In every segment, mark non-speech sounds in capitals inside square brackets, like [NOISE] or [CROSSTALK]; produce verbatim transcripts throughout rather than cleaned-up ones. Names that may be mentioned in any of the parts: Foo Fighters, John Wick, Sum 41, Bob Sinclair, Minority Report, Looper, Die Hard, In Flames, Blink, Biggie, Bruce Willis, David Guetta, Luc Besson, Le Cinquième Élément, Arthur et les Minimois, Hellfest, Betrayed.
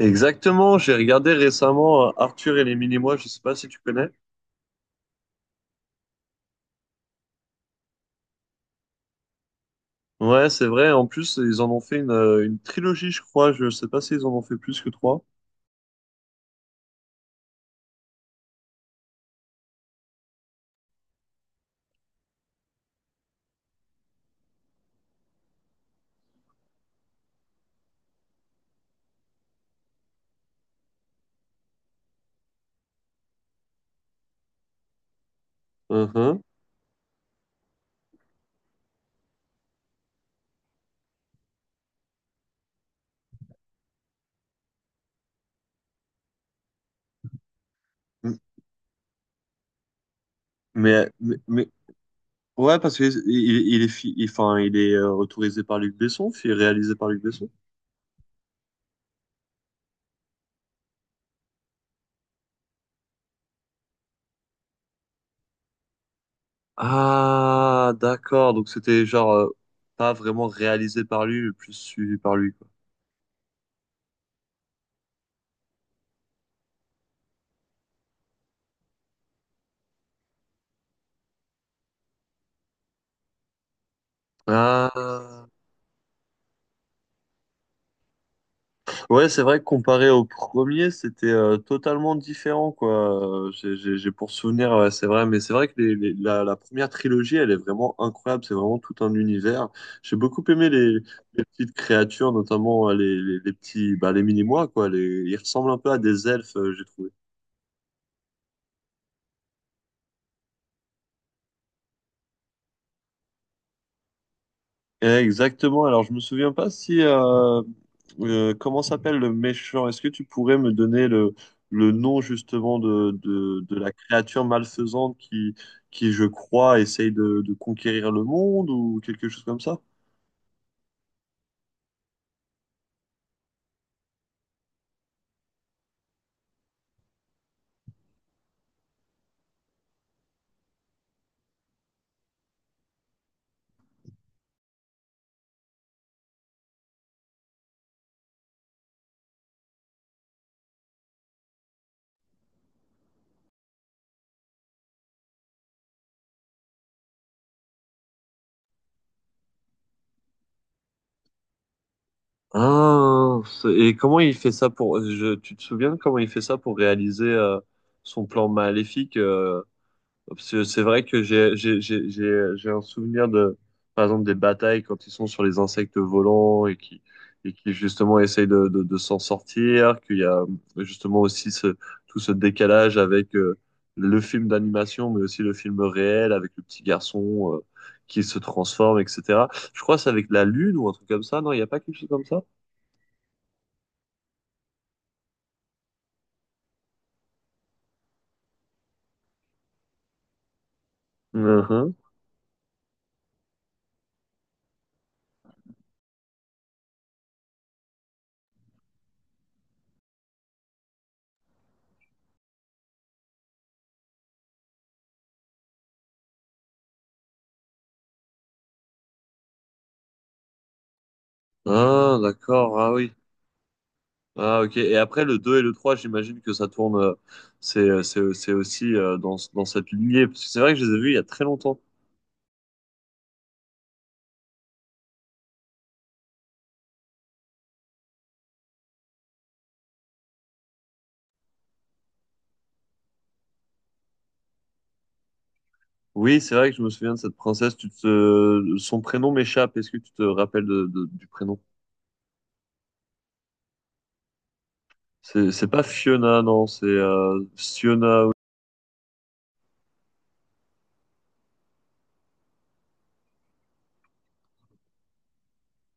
Exactement, j'ai regardé récemment euh, Arthur et les Minimois, je sais pas si tu connais. Ouais, c'est vrai, en plus, ils en ont fait une, euh, une trilogie, je crois, je sais pas s'ils en ont fait plus que trois. Mhm. M- Mais, mais, mais- ouais, parce qu'il il, il est, fi- il- enfin, il est euh, autorisé par Luc Besson, fi- réalisé par Luc Besson. Ah, d'accord, donc c'était genre euh, pas vraiment réalisé par lui, mais plus suivi par lui, quoi. Ah. Ouais, c'est vrai que comparé au premier, c'était euh, totalement différent, quoi. Euh, J'ai j'ai- j'ai pour souvenir, ouais, c'est vrai, mais c'est vrai que les- les- la, la première trilogie, elle est vraiment incroyable. C'est vraiment tout un univers. J'ai beaucoup aimé les, les petites créatures, notamment euh, les, les, les petits, bah, les mini-mois, quoi. Les, ils ressemblent un peu à des elfes, euh, j'ai trouvé. Euh, Exactement. Alors, je me souviens pas si euh, euh, comment s'appelle le méchant. Est-ce que tu pourrais me donner le, le nom justement de, de, de la créature malfaisante qui, qui, je crois, essaye de, de conquérir le monde ou quelque chose comme ça? Ah, c'est- et comment il fait ça pour... je- tu te souviens de comment il fait ça pour réaliser euh, son plan maléfique? Parce que c'est vrai que j'ai j'ai j'ai j'ai j'ai un souvenir de par exemple des batailles quand ils sont sur les insectes volants et qui et qui justement essayent de de, de s'en sortir, qu'il y a justement aussi ce tout ce décalage avec euh, le film d'animation mais aussi le film réel avec le petit garçon euh, qui se transforme et cetera. Je crois que c'est avec la lune ou un truc comme ça, non, il n'y a pas quelque chose comme ça? Mhm. Ah d'accord, ah oui. Ah, ok. Et après, le deux et le trois j'imagine que ça tourne. euh, C'est, c'est, c'est aussi euh, dans, dans cette lignée. Parce que c'est vrai que je les ai vus il y a très longtemps. Oui, c'est vrai que je me souviens de cette princesse. Tu te... euh, Son prénom m'échappe. Est-ce que tu te rappelles de, de- du prénom? C'est c'est pas Fiona, non. C'est euh, Fiona.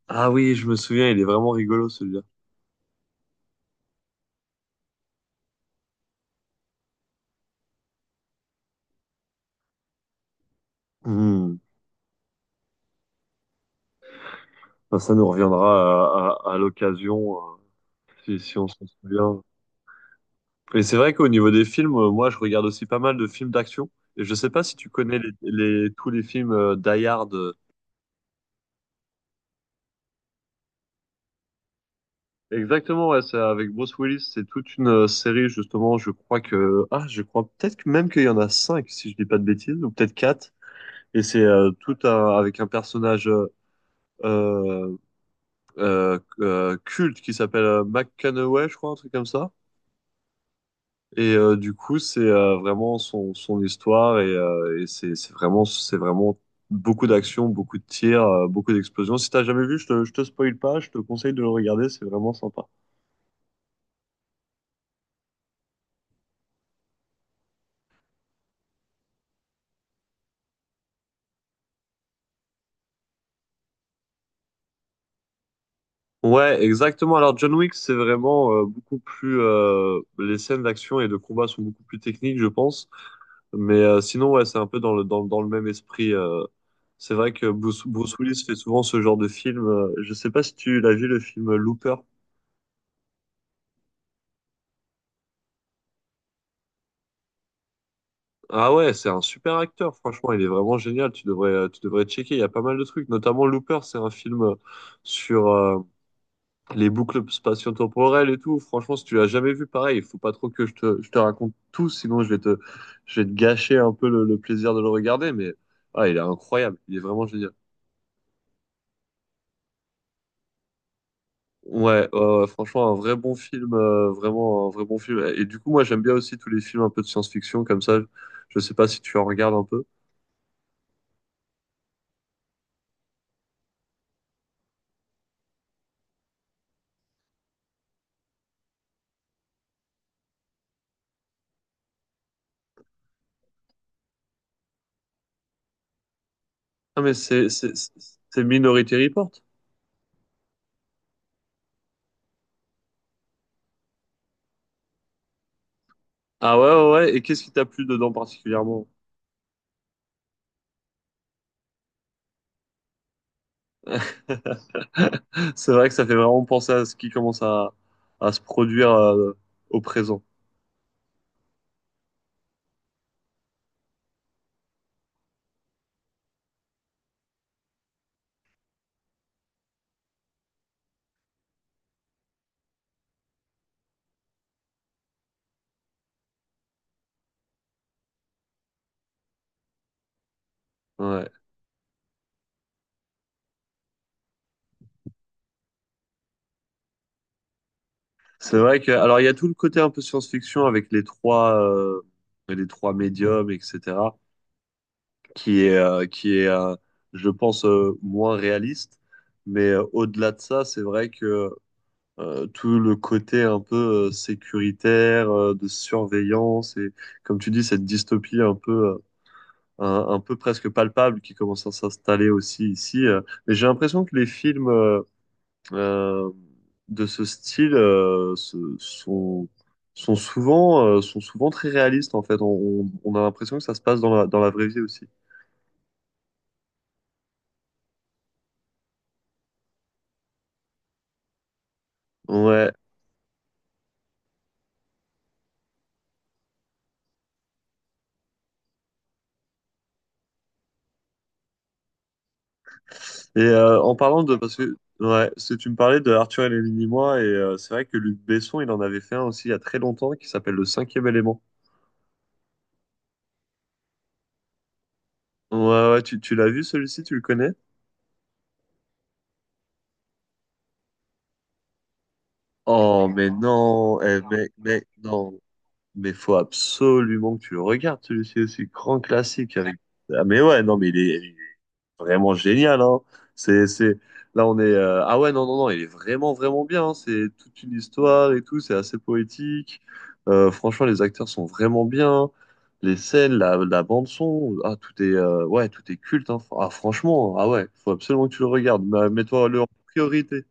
Ah oui, je me souviens. Il est vraiment rigolo, celui-là. Hmm. Enfin, ça nous reviendra à, à- à l'occasion, euh, si, si on s'en souvient. Et c'est vrai qu'au niveau des films, euh, moi, je regarde aussi pas mal de films d'action. Et je sais pas si tu connais les, les- tous les films euh, Die Hard. euh. Exactement, ouais, c'est avec Bruce Willis. C'est toute une euh, série, justement. Je crois que, ah, je crois peut-être que même qu'il y en a cinq, si je dis pas de bêtises, ou peut-être quatre. Et c'est euh, tout un- avec un personnage euh, euh, euh, culte qui s'appelle euh, McConaughey, je crois, un truc comme ça. Et euh, du coup, c'est euh, vraiment son, son histoire et, euh, et c'est c'est vraiment, c'est vraiment beaucoup d'action, beaucoup de tirs, euh, beaucoup d'explosions. Si t'as jamais vu, je te, je te spoil pas, je te conseille de le regarder, c'est vraiment sympa. Ouais, exactement. Alors John Wick, c'est vraiment euh, beaucoup plus... euh, les scènes d'action et de combat sont beaucoup plus techniques, je pense. Mais euh, sinon, ouais, c'est un peu dans le, dans, le- dans le même esprit. euh. C'est vrai que Bruce, Bruce Willis fait souvent ce genre de film. Euh, je sais pas si tu l'as vu, le film Looper. Ah ouais, c'est un super acteur, franchement, il est vraiment génial, tu devrais, euh, tu devrais checker, il y a pas mal de trucs, notamment Looper, c'est un film euh, sur euh, les boucles spatio-temporelles et tout, franchement, si tu l'as jamais vu, pareil, il faut pas trop que je te, je te raconte tout, sinon je vais te, je vais te gâcher un peu le, le plaisir de le regarder, mais ah, il est incroyable, il est vraiment génial. Ouais, euh, franchement, un vrai bon film, euh, vraiment un vrai bon film, et du coup, moi, j'aime bien aussi tous les films un peu de science-fiction, comme ça, je sais pas si tu en regardes un peu. Ah, mais c'est c'est- c'est Minority Report. Ah ouais, ouais, ouais. Et qu'est-ce qui t'a plu dedans particulièrement? C'est vrai que ça fait vraiment penser à ce qui commence à, à se produire euh, au présent. Ouais. C'est vrai que, alors il y a tout le côté un peu science-fiction avec les trois, euh, les trois médiums, et cetera, qui est, euh, qui est, euh, je pense, euh, moins réaliste. Mais euh, au-delà de ça, c'est vrai que euh, tout le côté un peu euh, sécuritaire, euh, de surveillance et, comme tu dis, cette dystopie un peu. euh, un, un peu presque palpable qui commence à s'installer aussi ici. euh. Mais j'ai l'impression que les films euh, euh, de ce style euh, se- sont, sont souvent, euh, sont souvent très réalistes en fait. On, on- on a l'impression que ça se passe dans la, dans la vraie vie aussi. Ouais. Et euh, en parlant de... Parce que ouais, c'est tu me parlais de Arthur et les Minimois, et euh, c'est vrai que Luc Besson, il en avait fait un aussi il y a très longtemps qui s'appelle Le Cinquième Élément. Ouais, ouais, tu, tu l'as vu celui-ci, tu le connais? Oh, mais non, eh, mais, mais non. Mais faut absolument que tu le regardes, celui-ci aussi. Grand classique avec. Ah, mais ouais, non, mais il est, il est vraiment génial, hein. C'est, c'est... Là, on est. euh, Ah ouais, non, non, non, il est vraiment, vraiment bien. Hein. C'est toute une histoire et tout. C'est assez poétique. Euh, franchement, les acteurs sont vraiment bien. Les scènes, la, la bande-son, ah, tout est, euh, ouais, tout est culte. Hein. Ah, franchement, ah ouais, faut absolument que tu le regardes. Mais- Mets-toi le en priorité.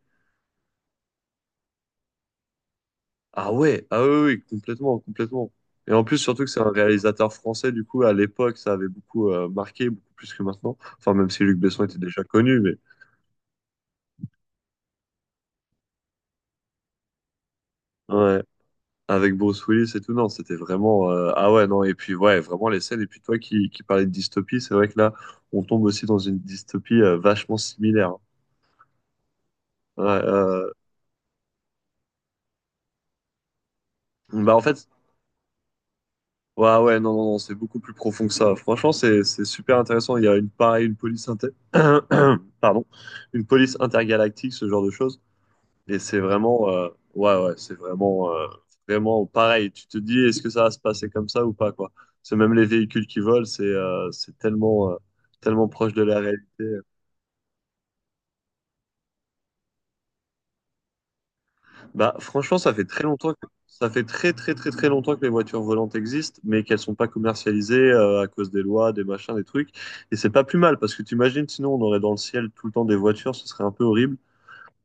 Ah ouais, ah oui, oui, complètement, complètement. Et en plus, surtout que c'est un réalisateur français, du coup, à l'époque, ça avait beaucoup euh, marqué, beaucoup plus que maintenant. Enfin, même si Luc Besson était déjà connu, mais ouais, avec Bruce Willis et tout, non, c'était vraiment... euh, ah ouais, non, et puis ouais, vraiment les scènes. Et puis toi qui, qui parlais de dystopie, c'est vrai que là, on tombe aussi dans une dystopie euh, vachement similaire. Hein. Ouais, euh, bah en fait, ouais, ouais, non, non, non, c'est beaucoup plus profond que ça. Franchement, c'est, c'est super intéressant. Il y a une, pareil, une police inter... [COUGHS] [CLEARS THROAT] Pardon. Une police intergalactique, ce genre de choses. Et c'est vraiment, euh, ouais, ouais, c'est vraiment, euh, vraiment pareil. Tu te dis, est-ce que ça va se passer comme ça ou pas, quoi? C'est même les véhicules qui volent, c'est euh, c'est tellement, euh, tellement proche de la réalité. Bah, franchement, ça fait très longtemps que, ça fait très très très très longtemps que les voitures volantes existent, mais qu'elles sont pas commercialisées euh, à cause des lois, des machins, des trucs. Et c'est pas plus mal parce que tu imagines, sinon on aurait dans le ciel tout le temps des voitures, ce serait un peu horrible.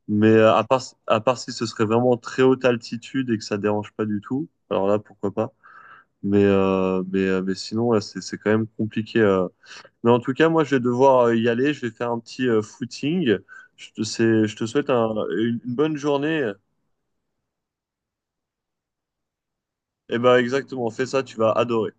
Mais euh, à part, à part si ce serait vraiment très haute altitude et que ça dérange pas du tout, alors là pourquoi pas. Mais euh, mais euh, mais sinon là c'est c'est quand même compliqué. euh. Mais en tout cas, moi je vais devoir euh, y aller, je vais faire un petit euh, footing. Je te, c'est- je te souhaite un- une une bonne journée. Et ben exactement, fais ça, tu vas adorer.